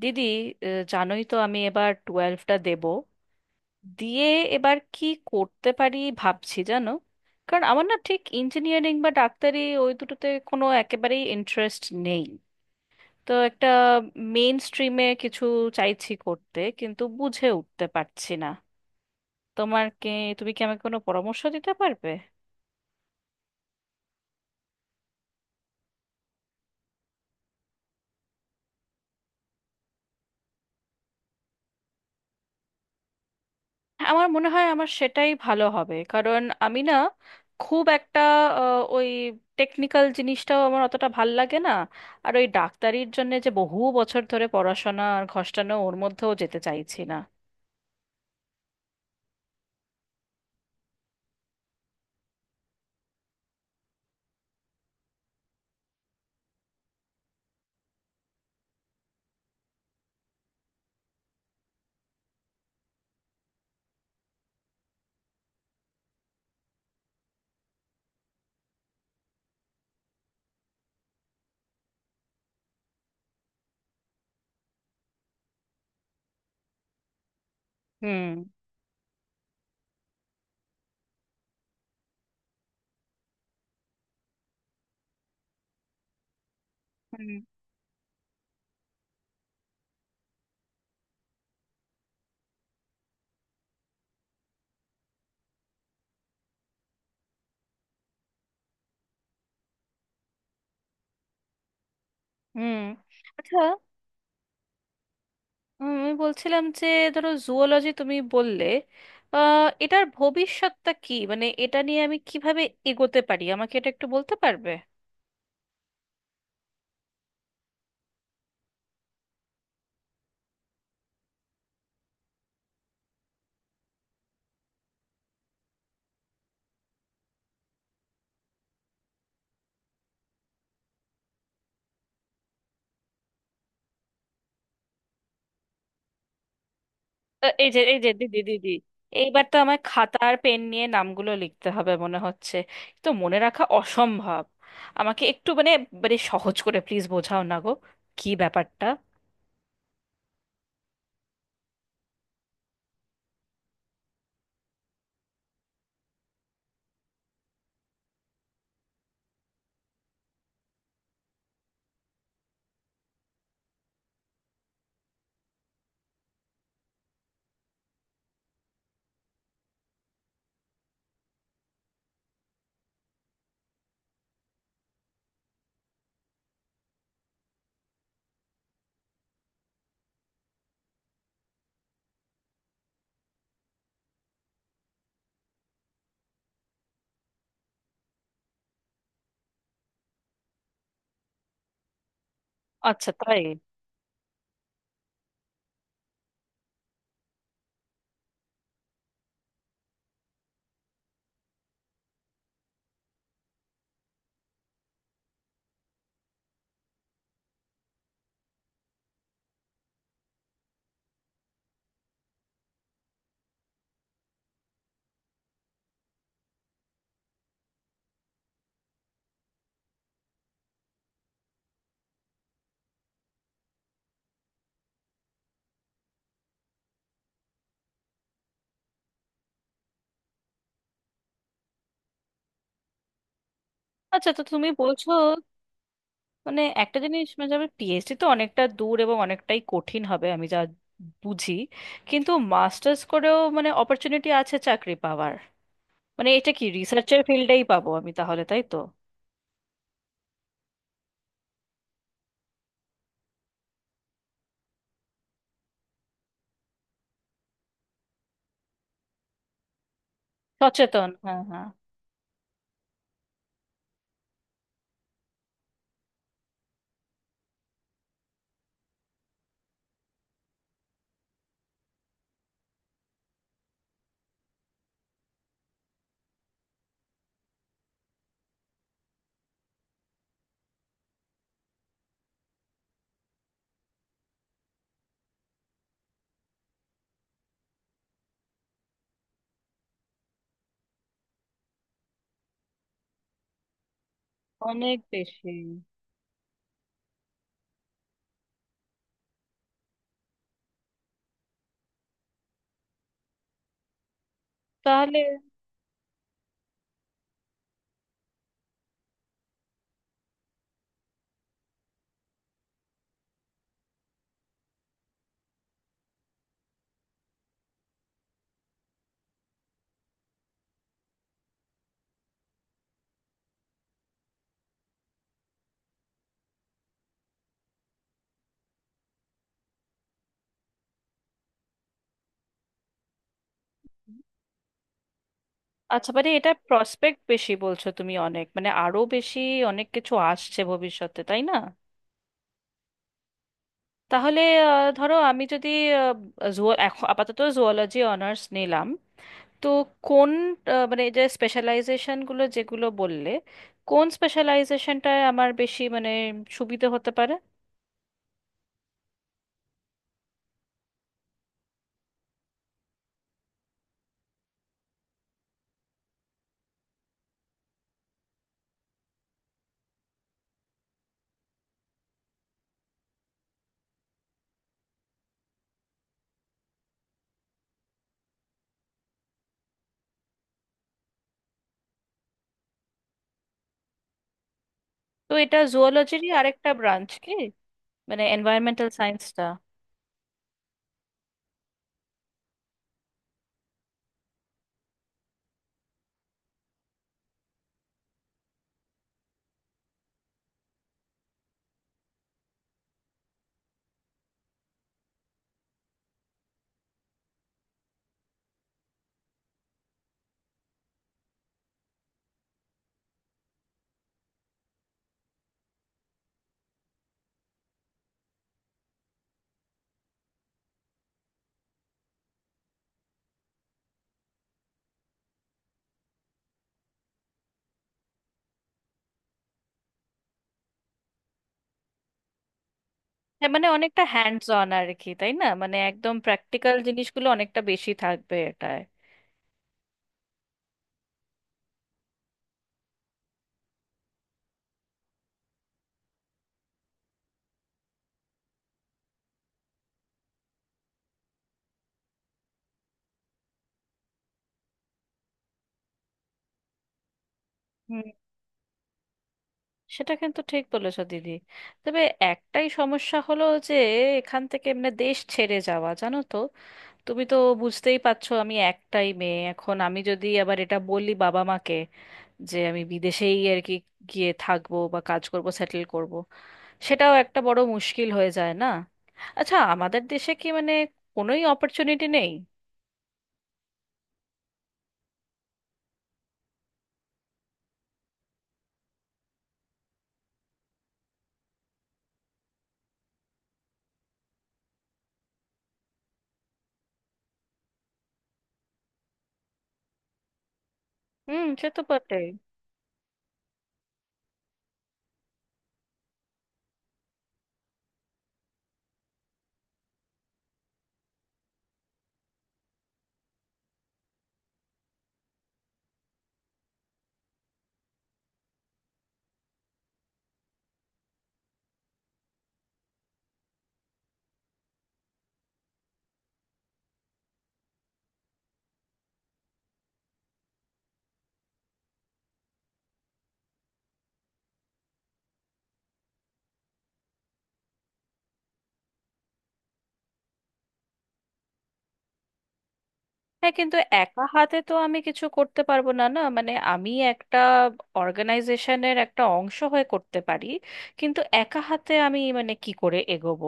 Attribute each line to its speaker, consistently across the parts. Speaker 1: দিদি, জানোই তো আমি এবার টুয়েলভটা দেব দিয়ে এবার কি করতে পারি ভাবছি জানো। কারণ আমার না ঠিক ইঞ্জিনিয়ারিং বা ডাক্তারি ওই দুটোতে কোনো একেবারেই ইন্টারেস্ট নেই। তো একটা মেইন স্ট্রিমে কিছু চাইছি করতে, কিন্তু বুঝে উঠতে পারছি না। তোমার কি, তুমি কি আমাকে কোনো পরামর্শ দিতে পারবে? আমার মনে হয় আমার সেটাই ভালো হবে, কারণ আমি না খুব একটা ওই টেকনিক্যাল জিনিসটাও আমার অতটা ভাল লাগে না। আর ওই ডাক্তারির জন্য যে বহু বছর ধরে পড়াশোনা আর ঘষ্টানো, ওর মধ্যেও যেতে চাইছি না। হুম। হুম। হুম। আচ্ছা। আমি বলছিলাম যে ধরো জুওলজি তুমি বললে, এটার ভবিষ্যৎটা কি, মানে এটা নিয়ে আমি কিভাবে এগোতে পারি আমাকে এটা একটু বলতে পারবে? এই যে এই যে দিদি দিদি, এইবার তো আমার খাতা আর পেন নিয়ে নামগুলো লিখতে হবে মনে হচ্ছে। তো মনে রাখা অসম্ভব। আমাকে একটু মানে, মানে সহজ করে প্লিজ বোঝাও না গো, কি ব্যাপারটা। আচ্ছা, তাই? আচ্ছা, তো তুমি বলছো মানে একটা জিনিস, মানে যাবে পিএইচডি তো অনেকটা দূর এবং অনেকটাই কঠিন হবে আমি যা বুঝি। কিন্তু মাস্টার্স করেও মানে অপরচুনিটি আছে চাকরি পাওয়ার, মানে এটা কি রিসার্চের ফিল্ডেই পাবো আমি তাহলে, তাই তো? সচেতন, হ্যাঁ হ্যাঁ। অনেক বেশি। তাহলে আচ্ছা, মানে এটা প্রসপেক্ট বেশি বলছো তুমি, অনেক মানে আরো বেশি অনেক কিছু আসছে ভবিষ্যতে তাই না? তাহলে ধরো আমি যদি এখন আপাতত জুওলজি অনার্স নিলাম, তো কোন, মানে এই যে স্পেশালাইজেশন গুলো যেগুলো বললে, কোন স্পেশালাইজেশনটায় আমার বেশি মানে সুবিধা হতে পারে? তো এটা জুওলজিরই আরেকটা ব্রাঞ্চ কি, মানে এনভায়রনমেন্টাল সায়েন্সটা? হ্যাঁ মানে অনেকটা হ্যান্ডস অন আর কি, তাই না, মানে একদম প্র্যাকটিক্যাল জিনিসগুলো অনেকটা বেশি থাকবে এটায়। হুম। সেটা কিন্তু ঠিক বলেছো দিদি। তবে একটাই সমস্যা হলো যে এখান থেকে মানে দেশ ছেড়ে যাওয়া, জানো তো, তুমি তো বুঝতেই পারছো আমি একটাই মেয়ে, এখন আমি যদি আবার এটা বলি বাবা মাকে যে আমি বিদেশেই আর কি গিয়ে থাকবো বা কাজ করব, সেটেল করব, সেটাও একটা বড় মুশকিল হয়ে যায় না? আচ্ছা আমাদের দেশে কি মানে কোনোই অপরচুনিটি নেই? হুম, সে তো বটে। হ্যাঁ কিন্তু একা হাতে তো আমি কিছু করতে পারবো না, না মানে আমি একটা অর্গানাইজেশনের একটা অংশ হয়ে করতে পারি, কিন্তু একা হাতে আমি মানে কি করে এগোবো?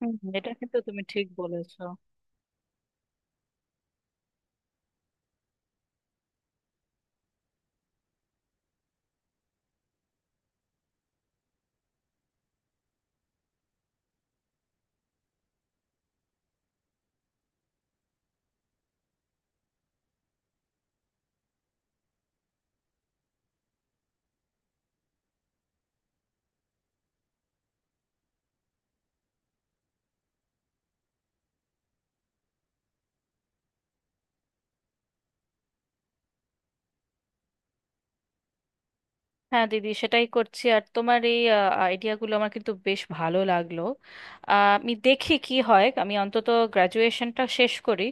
Speaker 1: হুম, এটা কিন্তু তুমি ঠিক বলেছো। হ্যাঁ দিদি, সেটাই করছি। আর তোমার এই আইডিয়াগুলো আমার কিন্তু বেশ ভালো লাগলো। আমি দেখি কি হয়, আমি অন্তত গ্র্যাজুয়েশনটা শেষ করি,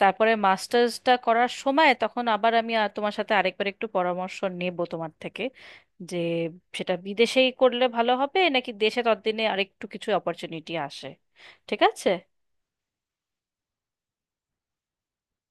Speaker 1: তারপরে মাস্টার্সটা করার সময় তখন আবার আমি তোমার সাথে আরেকবার একটু পরামর্শ নেব তোমার থেকে, যে সেটা বিদেশেই করলে ভালো হবে নাকি দেশে ততদিনে আরেকটু কিছু অপরচুনিটি আসে। ঠিক আছে।